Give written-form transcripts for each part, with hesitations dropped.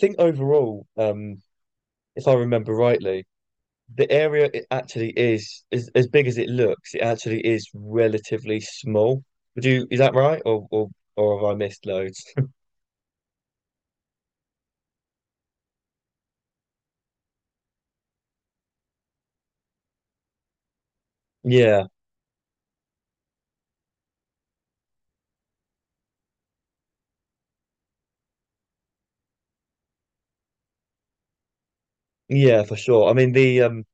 Think overall, if I remember rightly, the area it actually is as big as it looks, it actually is relatively small. Is that right? Or have I missed loads? Yeah, yeah, for sure. I mean the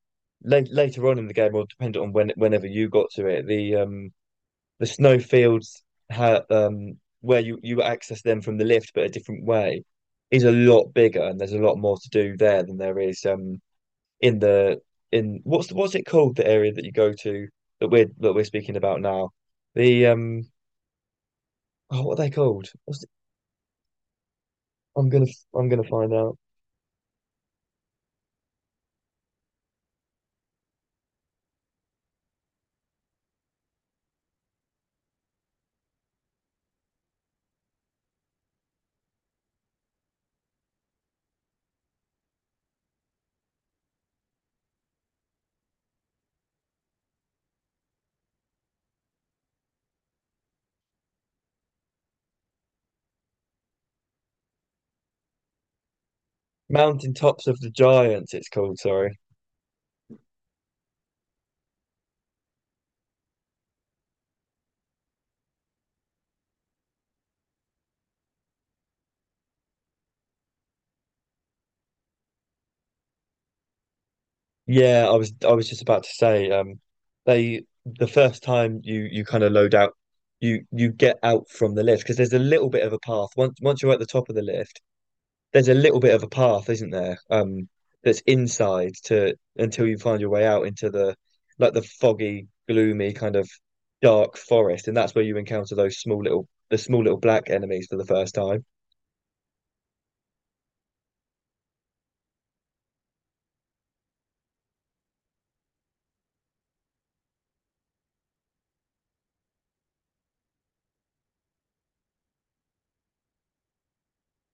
la later on in the game, or depending on whenever you got to it, the snow fields ha where you access them from the lift but a different way is a lot bigger and there's a lot more to do there than there is in the in what's it called, the area that you go to that we're speaking about now? The um Oh, what are they called? I'm gonna I'm gonna find out. Mountain Tops of the Giants, it's called, sorry. Yeah, I was just about to say, the first time you kind of load out, you get out from the lift because there's a little bit of a path. Once you're at the top of the lift, there's a little bit of a path, isn't there? That's inside to until you find your way out into the like the foggy, gloomy kind of dark forest, and that's where you encounter those small little the small little black enemies for the first time.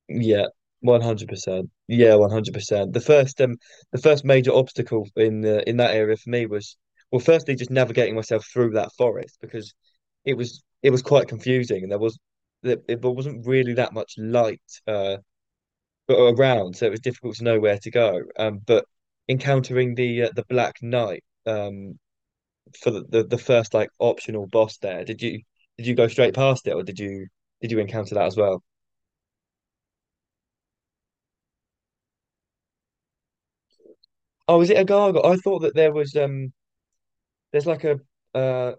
Yeah, 100%. Yeah, 100%. The first major obstacle in the in that area for me was, well, firstly just navigating myself through that forest because it was quite confusing, and there wasn't really that much light, uh but around, so it was difficult to know where to go. But encountering the Black Knight, for the first like optional boss there, did you, did you go straight past it, or did you, did you encounter that as well? Oh, is it a gargoyle? I thought that there was there's like a uh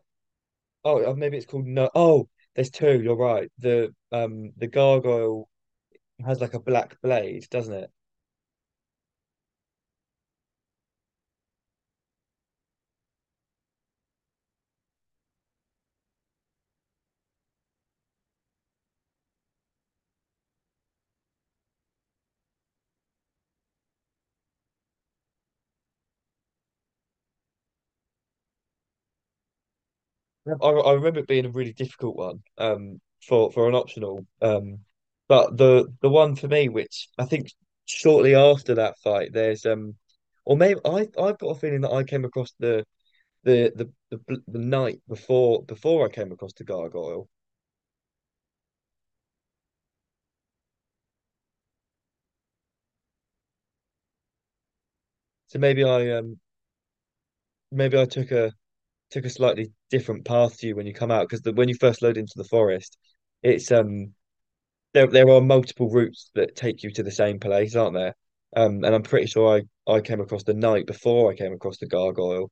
oh maybe it's called, no, oh, there's two. You're right. The gargoyle has like a black blade, doesn't it? Yeah. I remember it being a really difficult one, for an optional, but the one for me, which I think shortly after that fight, there's or maybe I've got a feeling that I came across the night before, before I came across the gargoyle, so maybe I took a slightly different path to you when you come out, because the when you first load into the forest, it's there are multiple routes that take you to the same place, aren't there? And I'm pretty sure I came across the knight before I came across the gargoyle.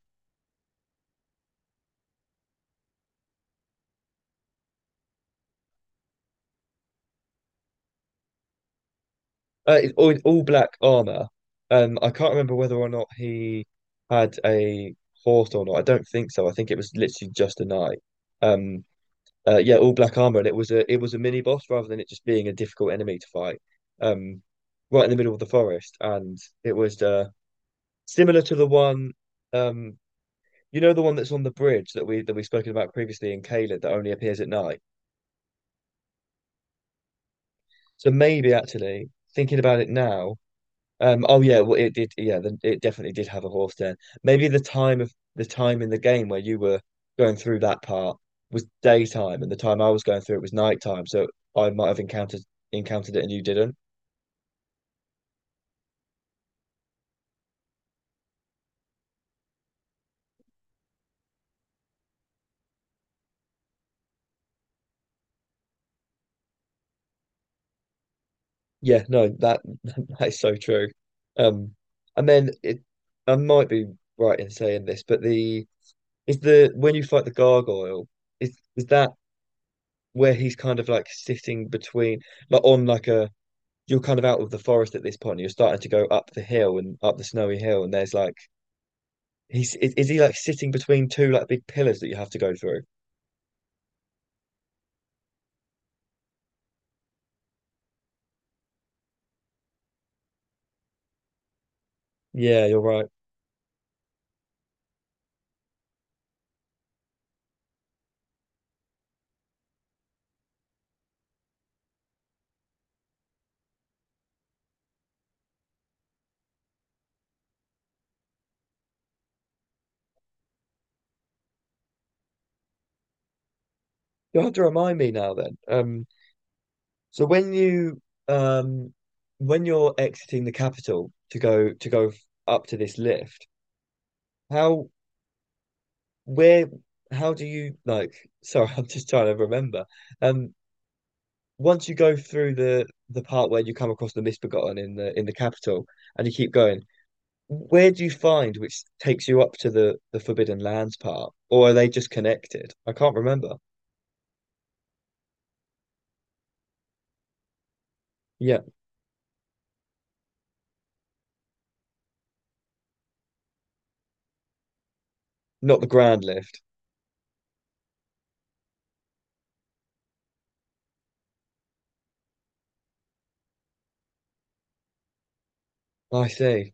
It's all black armor. I can't remember whether or not he had a horse or not. I don't think so. I think it was literally just a knight. Um, yeah, all black armor, and it was a mini boss rather than it just being a difficult enemy to fight. Um, right in the middle of the forest, and it was similar to the one um you know, the one that's on the bridge that we that we've spoken about previously in Caled that only appears at night. So maybe, actually, thinking about it now, oh yeah, well it did, yeah, then it definitely did have a horse den. Maybe the time in the game where you were going through that part was daytime, and the time I was going through it was nighttime. So I might have encountered it and you didn't. Yeah, no, that, that is so true. Um, and then it, I might be right in saying this, but the is the when you fight the gargoyle, is that where he's kind of like sitting between, like on like a, you're kind of out of the forest at this point. And you're starting to go up the hill and up the snowy hill, and there's like he's is he like sitting between two like big pillars that you have to go through? Yeah, you're right. You'll have to remind me now then. So when you um when you're exiting the capital to go up to this lift, how where how do you like? Sorry, I'm just trying to remember. Um, once you go through the part where you come across the misbegotten in the capital and you keep going, where do you find, which takes you up to the Forbidden Lands part, or are they just connected? I can't remember. Yeah, not the Grand Lift. I see.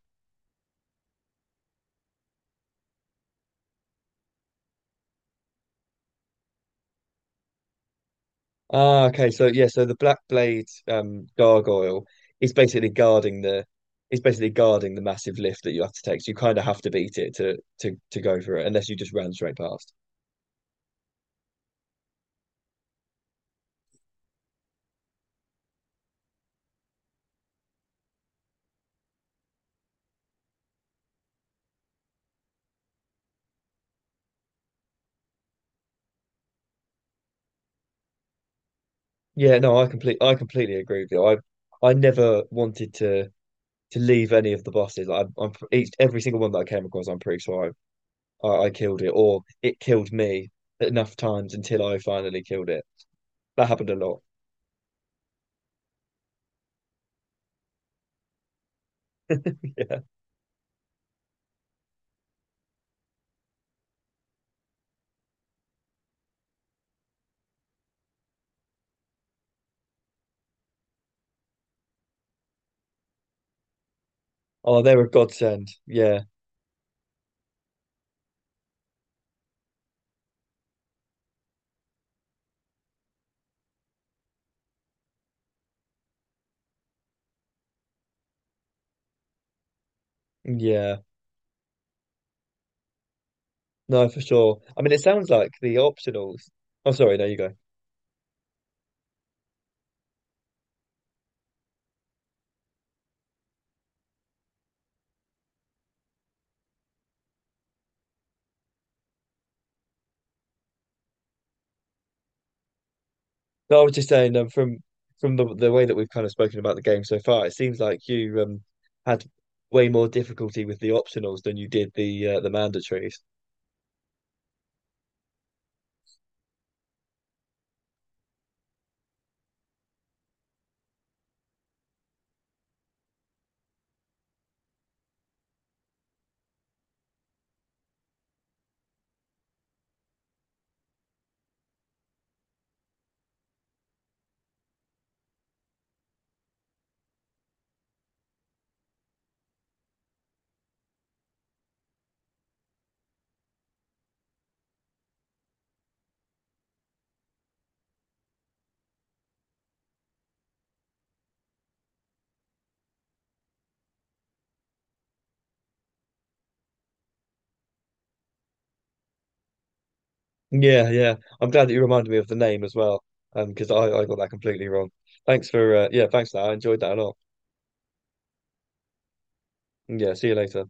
Ah, okay. So yeah, so the Black Blade gargoyle is basically guarding the is basically guarding the massive lift that you have to take. So you kind of have to beat it to go for it, unless you just ran straight past. Yeah, no, I completely agree with you. I never wanted to leave any of the bosses. Like, I'm each, every single one that I came across, I'm pretty sure I killed it or it killed me enough times until I finally killed it. That happened a lot. Yeah. Oh, they're a godsend. Yeah. Yeah. No, for sure. I mean, it sounds like the optionals. Oh, sorry. No, you go. No, I was just saying, from the way that we've kind of spoken about the game so far, it seems like you had way more difficulty with the optionals than you did the mandatories. Yeah, yeah. I'm glad that you reminded me of the name as well, because I got that completely wrong. Thanks for yeah, thanks for that. I enjoyed that a lot. Yeah, see you later.